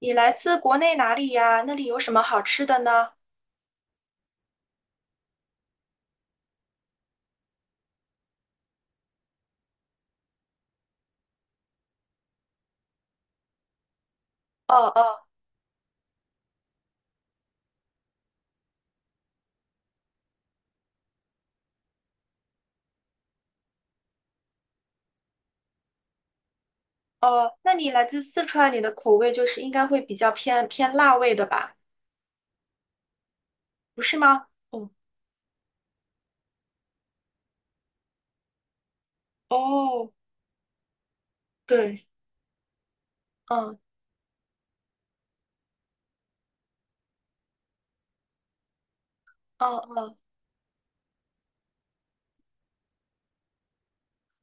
你来自国内哪里呀？那里有什么好吃的呢？哦哦哦，那你来自四川，你的口味就是应该会比较偏辣味的吧？不是吗？哦哦，对，嗯嗯嗯，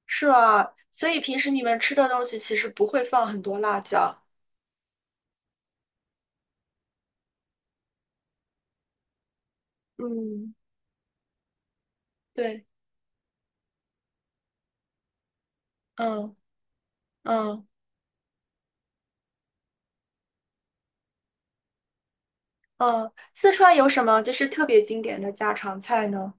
是啊，所以平时你们吃的东西其实不会放很多辣椒。嗯，对，嗯嗯嗯，四川有什么就是特别经典的家常菜呢？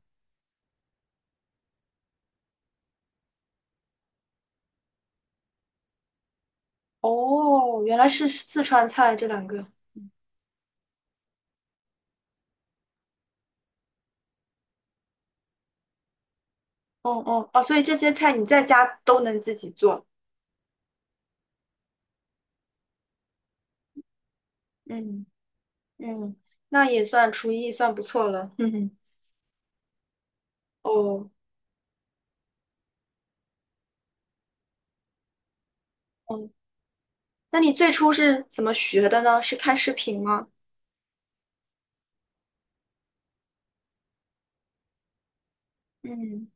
哦，原来是四川菜这两个。哦哦哦，所以这些菜你在家都能自己做。嗯嗯，那也算厨艺算不错了。哼哼，哦，嗯，那你最初是怎么学的呢？是看视频吗？嗯，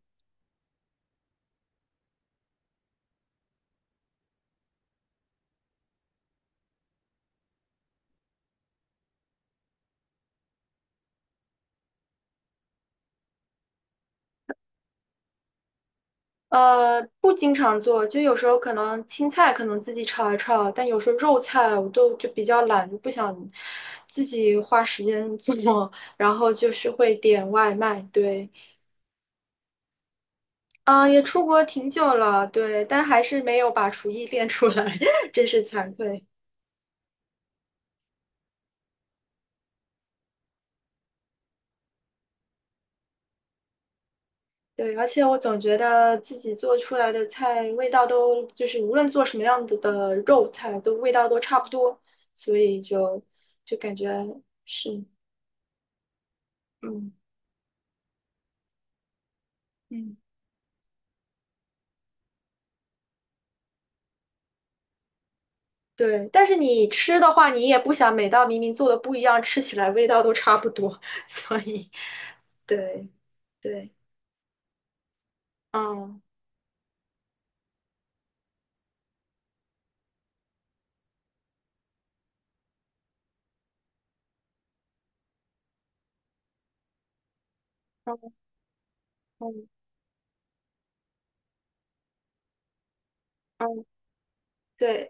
不经常做，就有时候可能青菜可能自己炒一炒，但有时候肉菜我都就比较懒，就不想自己花时间做，然后就是会点外卖。对，嗯、也出国挺久了，对，但还是没有把厨艺练出来，真是惭愧。对，而且我总觉得自己做出来的菜味道都就是无论做什么样子的肉菜，都味道都差不多，所以就感觉是，嗯嗯，对。但是你吃的话，你也不想每道明明做的不一样，吃起来味道都差不多，所以对对，嗯嗯嗯嗯，对，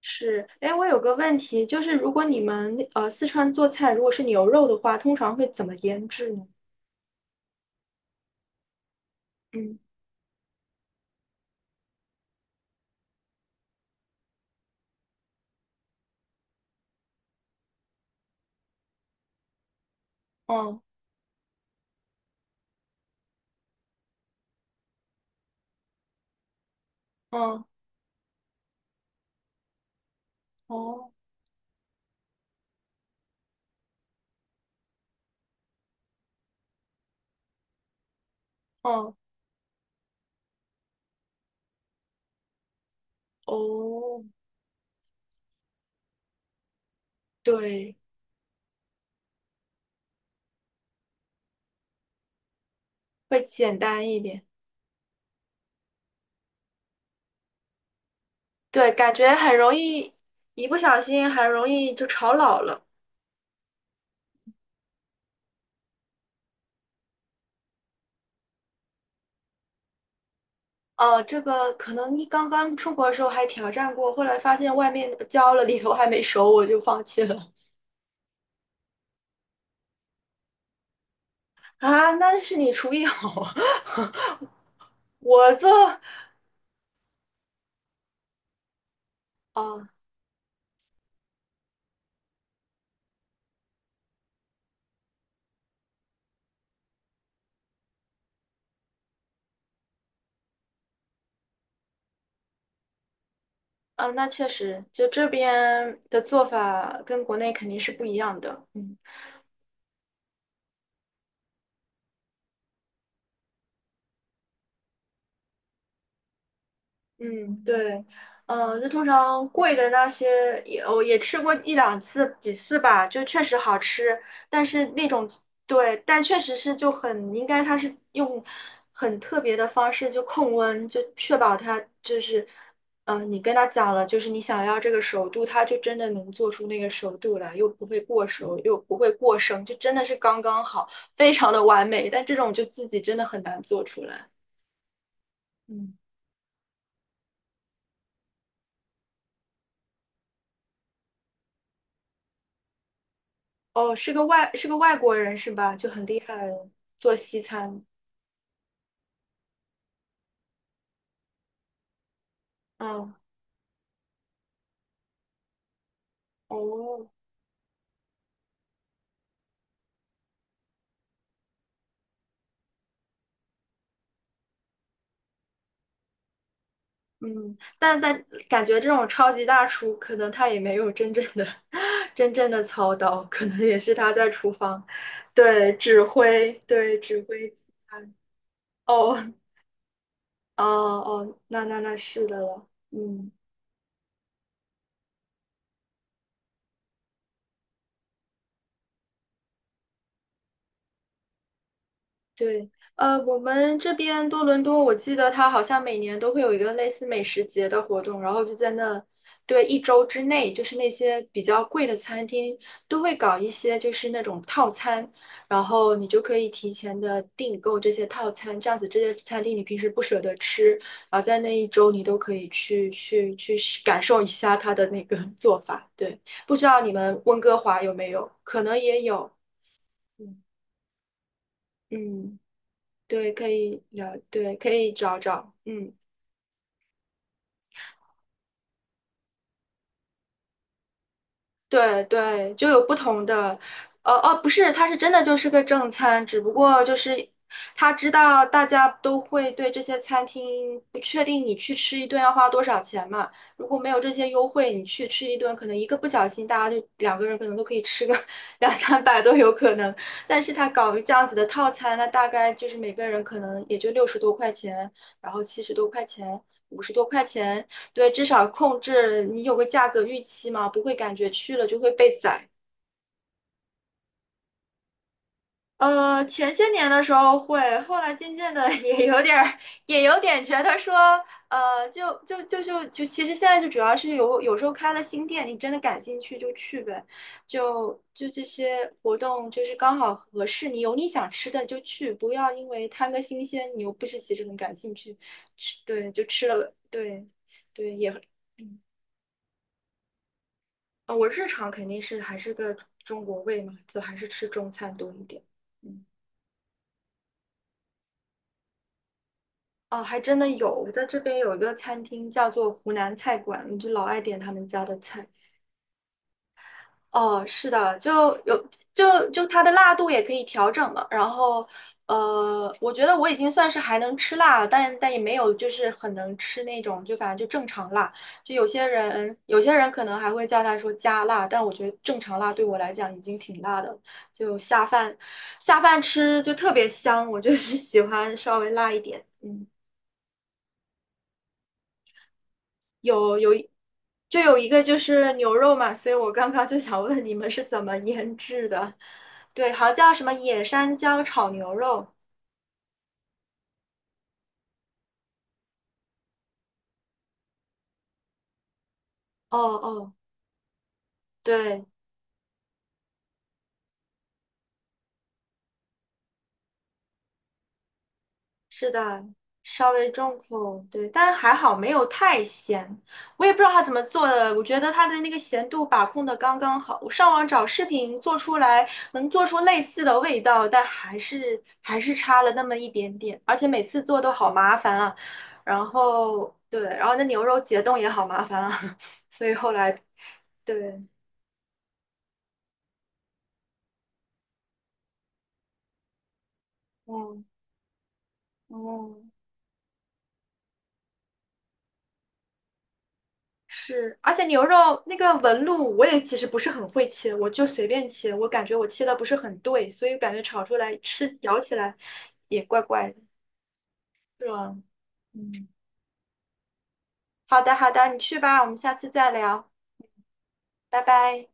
是。哎，我有个问题，就是如果你们四川做菜，如果是牛肉的话，通常会怎么腌制呢？嗯嗯。嗯，哦，嗯，哦，对，会简单一点。对，感觉很容易，一不小心很容易就炒老了。哦，这个可能你刚刚出国的时候还挑战过，后来发现外面焦了，里头还没熟，我就放弃了。啊，那是你厨艺好啊，我做，哦，啊，那确实，就这边的做法跟国内肯定是不一样的。嗯。嗯，对，嗯，就通常贵的那些也我也吃过一两次几次吧，就确实好吃，但是那种对，但确实是就很应该它是用很特别的方式就控温，就确保它就是，嗯，你跟他讲了，就是你想要这个熟度，它就真的能做出那个熟度来，又不会过熟，又不会过生，就真的是刚刚好，非常的完美，但这种就自己真的很难做出来。嗯。哦，是个外国人是吧？就很厉害了，做西餐。嗯，哦，嗯，但但感觉这种超级大厨，可能他也没有真正的 真正的操刀，可能也是他在厨房，对，指挥，对，指挥其他。哦，哦哦，那是的了。嗯。对，我们这边多伦多，我记得它好像每年都会有一个类似美食节的活动，然后就在那，对，一周之内，就是那些比较贵的餐厅都会搞一些就是那种套餐，然后你就可以提前的订购这些套餐，这样子这些餐厅你平时不舍得吃，然后在那一周你都可以去试感受一下它的那个 做法。对，不知道你们温哥华有没有？可能也有。嗯嗯。对，可以了，对，可以找找，嗯，对对，就有不同的，不是，它是真的就是个正餐，只不过就是他知道大家都会对这些餐厅不确定，你去吃一顿要花多少钱嘛？如果没有这些优惠，你去吃一顿，可能一个不小心，大家就两个人可能都可以吃个 两三百都有可能。但是他搞这样子的套餐，那大概就是每个人可能也就六十多块钱，然后七十多块钱。五十多块钱，对，至少控制你有个价格预期嘛，不会感觉去了就会被宰。前些年的时候会，后来渐渐的 也有点儿，也有点觉得说，就，其实现在就主要是有时候开了新店，你真的感兴趣就去呗，就这些活动就是刚好合适你，有你想吃的就去，不要因为贪个新鲜，你又不是其实很感兴趣，吃对就吃了，对对也嗯。啊，我日常肯定是还是个中国胃嘛，就还是吃中餐多一点。嗯，哦，还真的有，我在这边有一个餐厅叫做湖南菜馆，我就老爱点他们家的菜。哦，是的，就有就它的辣度也可以调整嘛。然后，我觉得我已经算是还能吃辣，但但也没有就是很能吃那种，就反正就正常辣。就有些人可能还会叫他说加辣，但我觉得正常辣对我来讲已经挺辣的了就下饭吃就特别香，我就是 喜欢稍微辣一点。嗯。就有一个就是牛肉嘛，所以我刚刚就想问你们是怎么腌制的？对，好像叫什么野山椒炒牛肉。哦哦，对。是的，稍微重口，对，但还好没有太咸。我也不知道他怎么做的，我觉得他的那个咸度把控的刚刚好。我上网找视频做出来，能做出类似的味道，但还是差了那么一点点。而且每次做都好麻烦啊，然后对，然后那牛肉解冻也好麻烦啊，所以后来对，嗯嗯。是，而且牛肉那个纹路，我也其实不是很会切，我就随便切，我感觉我切的不是很对，所以感觉炒出来吃咬起来也怪怪的，是吧？嗯，好的好的，你去吧，我们下次再聊，拜拜。